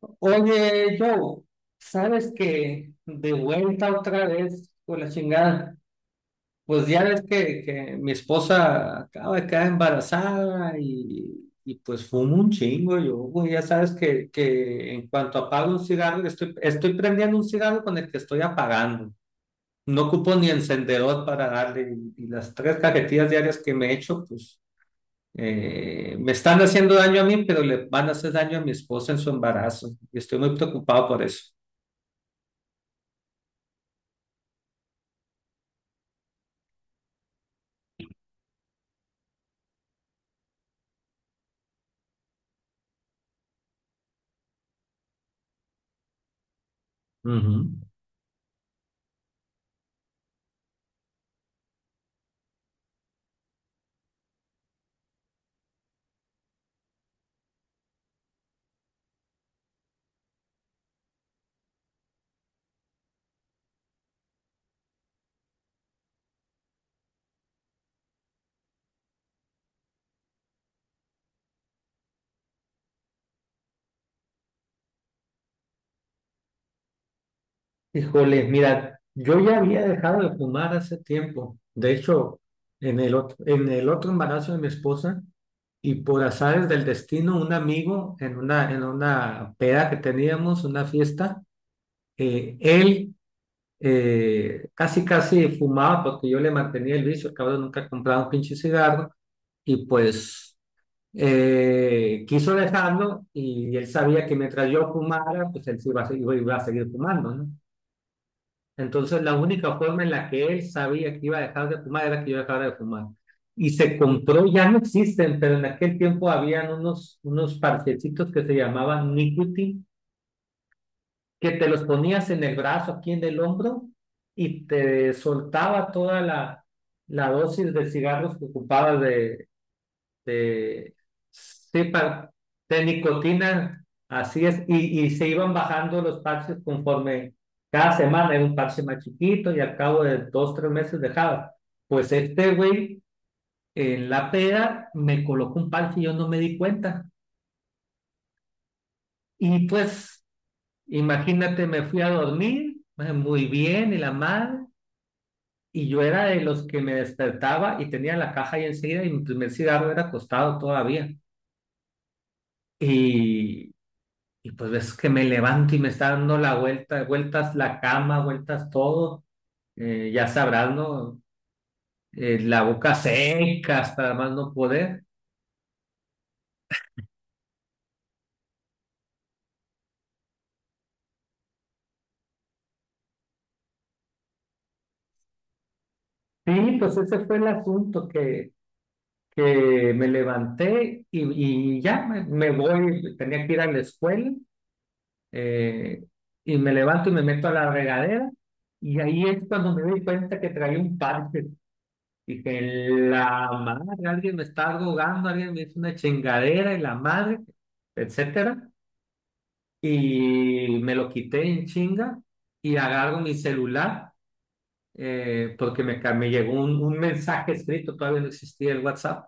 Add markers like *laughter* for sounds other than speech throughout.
Oye, Joe, ¿sabes que de vuelta otra vez con la chingada? Pues ya ves que mi esposa acaba de quedar embarazada y pues fumo un chingo yo, güey, ya sabes que en cuanto apago un cigarro, estoy prendiendo un cigarro con el que estoy apagando. No ocupo ni encendedor para darle y las tres cajetillas diarias que me he hecho, pues me están haciendo daño a mí, pero le van a hacer daño a mi esposa en su embarazo y estoy muy preocupado por eso. Ujú. Híjole, mira, yo ya había dejado de fumar hace tiempo. De hecho, en el otro embarazo de mi esposa y por azares del destino, un amigo en una peda que teníamos, una fiesta, él casi casi fumaba porque yo le mantenía el vicio, el cabrón nunca compraba un pinche cigarro y pues quiso dejarlo y él sabía que mientras yo fumara, pues él sí iba a seguir fumando, ¿no? Entonces, la única forma en la que él sabía que iba a dejar de fumar era que yo dejara de fumar. Y se compró, ya no existen, pero en aquel tiempo habían unos parchecitos que se llamaban nicotine, que te los ponías en el brazo, aquí en el hombro, y te soltaba toda la dosis de cigarros que ocupabas de cepa de nicotina, así es, y se iban bajando los parches conforme cada semana era un parche más chiquito y al cabo de 2, 3 meses dejaba. Pues este güey en la peda me colocó un parche y yo no me di cuenta. Y pues, imagínate, me fui a dormir muy bien y la madre, y yo era de los que me despertaba y tenía la caja ahí enseguida y mi primer cigarro era acostado todavía. Y Y pues ves que me levanto y me está dando la vuelta, vueltas la cama, vueltas todo. Ya sabrás, ¿no? La boca seca hasta más no poder. Sí, pues ese fue el asunto que me levanté y ya me voy, tenía que ir a la escuela eh, y me levanto y me meto a la regadera y ahí es cuando me doy cuenta que traía un parche. Dije, la madre, alguien me está rogando, alguien me hizo una chingadera y la madre, etcétera. Y me lo quité en chinga y agarro mi celular porque me llegó un mensaje escrito, todavía no existía el WhatsApp,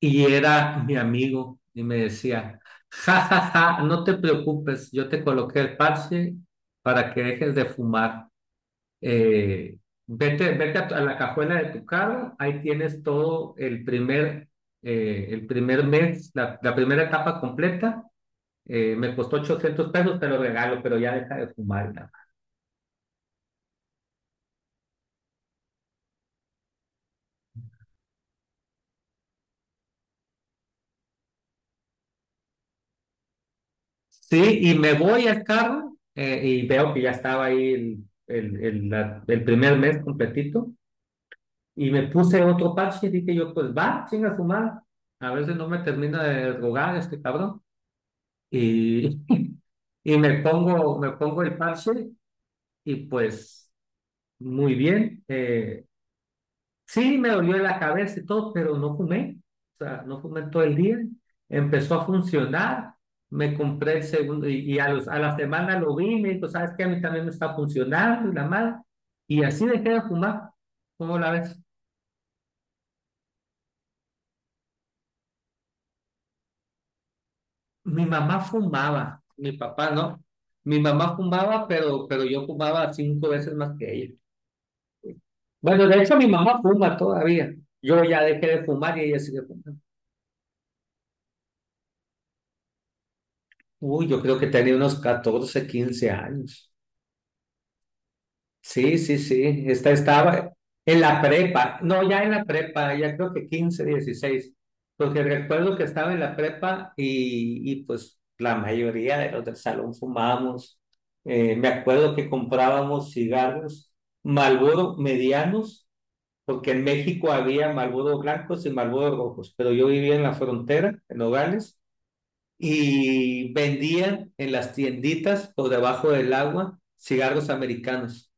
y era mi amigo y me decía, ja, ja, ja, no te preocupes, yo te coloqué el parche para que dejes de fumar. Eh, vete a la cajuela de tu carro, ahí tienes todo el primer mes, la primera etapa completa. Me costó $800, te lo regalo, pero ya deja de fumar. Y nada más. Sí, y me voy al carro y veo que ya estaba ahí el primer mes completito. Y me puse otro parche y dije yo, pues va, chinga su madre. A veces no me termina de drogar este cabrón. Y, *laughs* y me pongo el parche y pues muy bien. Sí, me dolió la cabeza y todo, pero no fumé. O sea, no fumé todo el día. Empezó a funcionar. Me compré el segundo y a la semana lo vi y me dijo, ¿sabes qué? A mí también me está funcionando y la madre. Y así dejé de fumar. ¿Cómo la ves? Mi mamá fumaba, mi papá no. Mi mamá fumaba, pero yo fumaba cinco veces más que ella. Bueno, de hecho mi mamá fuma todavía. Yo ya dejé de fumar y ella sigue fumando. Uy, yo creo que tenía unos 14, 15 años. Sí, sí, sí. Esta estaba en la prepa. No, ya en la prepa, ya creo que 15, 16. Porque recuerdo que estaba en la prepa y pues la mayoría de los del salón fumábamos. Me acuerdo que comprábamos cigarros Marlboro medianos, porque en México había Marlboro blancos y Marlboro rojos, pero yo vivía en la frontera, en Nogales y vendían en las tienditas o debajo del agua cigarros americanos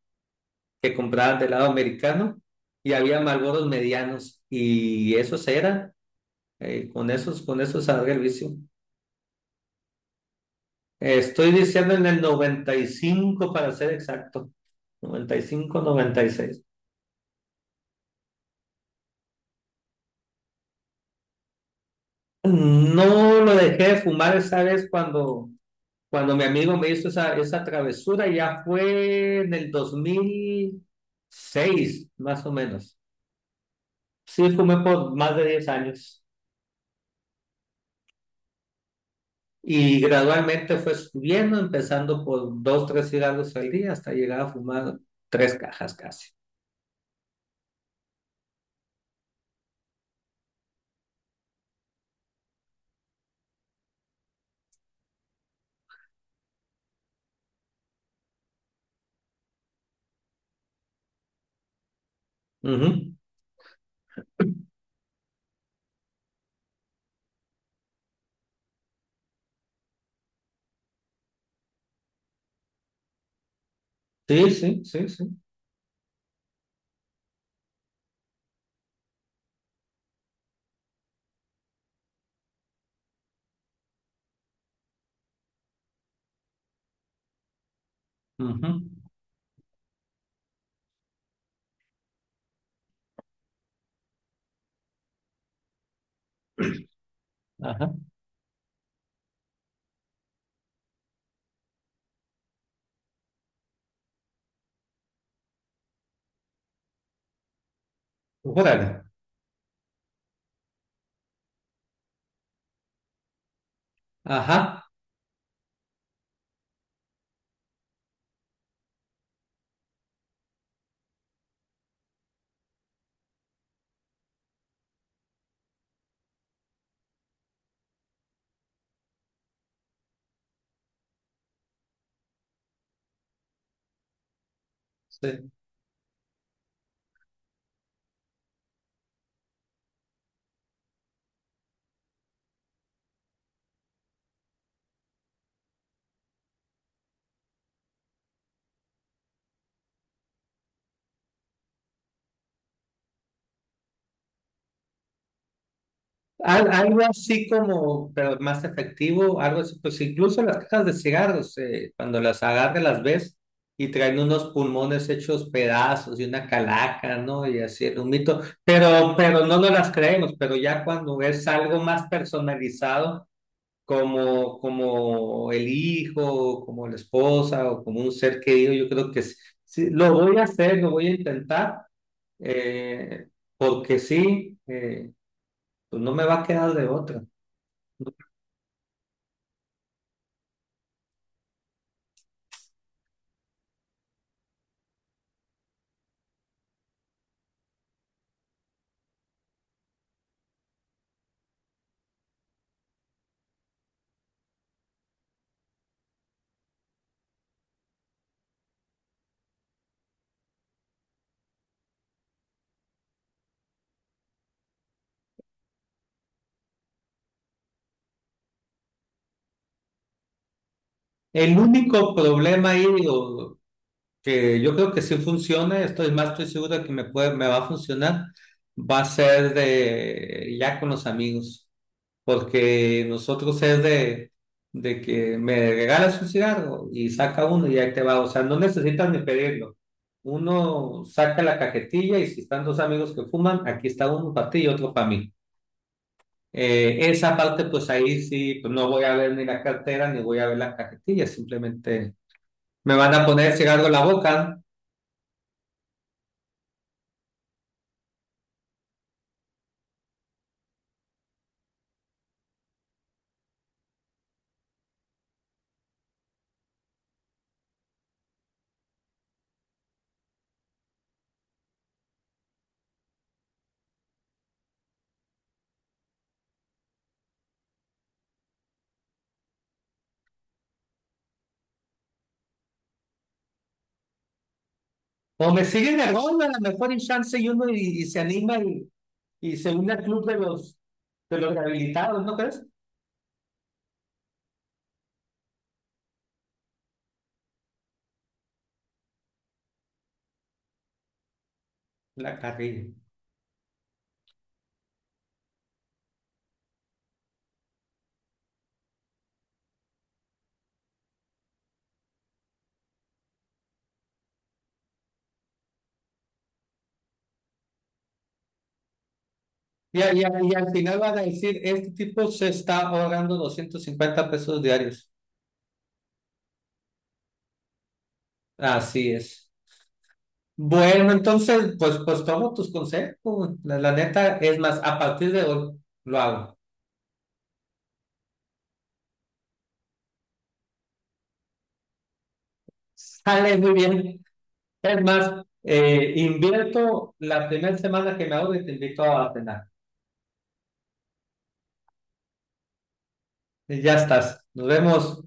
que compraban del lado americano y había Marlboros medianos y esos eran, con esos salga el vicio. Estoy diciendo en el 95 para ser exacto, 1990, 1995, 1996 No lo dejé de fumar esa vez cuando mi amigo me hizo esa travesura, ya fue en el 2006 más o menos. Sí, fumé por más de 10 años y gradualmente fue subiendo, empezando por dos, tres cigarros al día hasta llegar a fumar tres cajas casi. Ujú. Sí, sí, sí, sí. Ujú. Ajá. Órale. Ajá. Sí. Algo así como, pero más efectivo, algo así, pues incluso las cajas de cigarros, cuando las agarras las ves y traen unos pulmones hechos pedazos y una calaca, ¿no? Y así el humito, pero no nos las creemos, pero ya cuando es algo más personalizado, como el hijo, o como la esposa, o como un ser querido, yo creo que sí, sí, lo voy a hacer, lo voy a intentar, eh, porque sí, pues no me va a quedar de otra. El único problema ahí, o que yo creo que sí funciona, estoy seguro de que me va a funcionar, va a ser de ya con los amigos, porque nosotros es de que me regalas un cigarro y saca uno y ahí te va, o sea, no necesitas ni pedirlo. Uno saca la cajetilla y si están dos amigos que fuman, aquí está uno para ti y otro para mí. Esa parte, pues ahí sí, pues no voy a ver ni la cartera ni voy a ver la cajetilla, simplemente me van a poner cigarro en la boca. O me siguen el gol, a lo mejor en chance y uno y se anima y se une al club de los, rehabilitados, ¿no crees? La carrilla. Y al final van a decir, este tipo se está ahorrando $250 diarios. Así es. Bueno, entonces, pues tomo tus consejos. La neta, es más, a partir de hoy lo hago. Sale muy bien. Es más, invierto la primera semana que me hago y te invito a cenar. Ya estás. Nos vemos.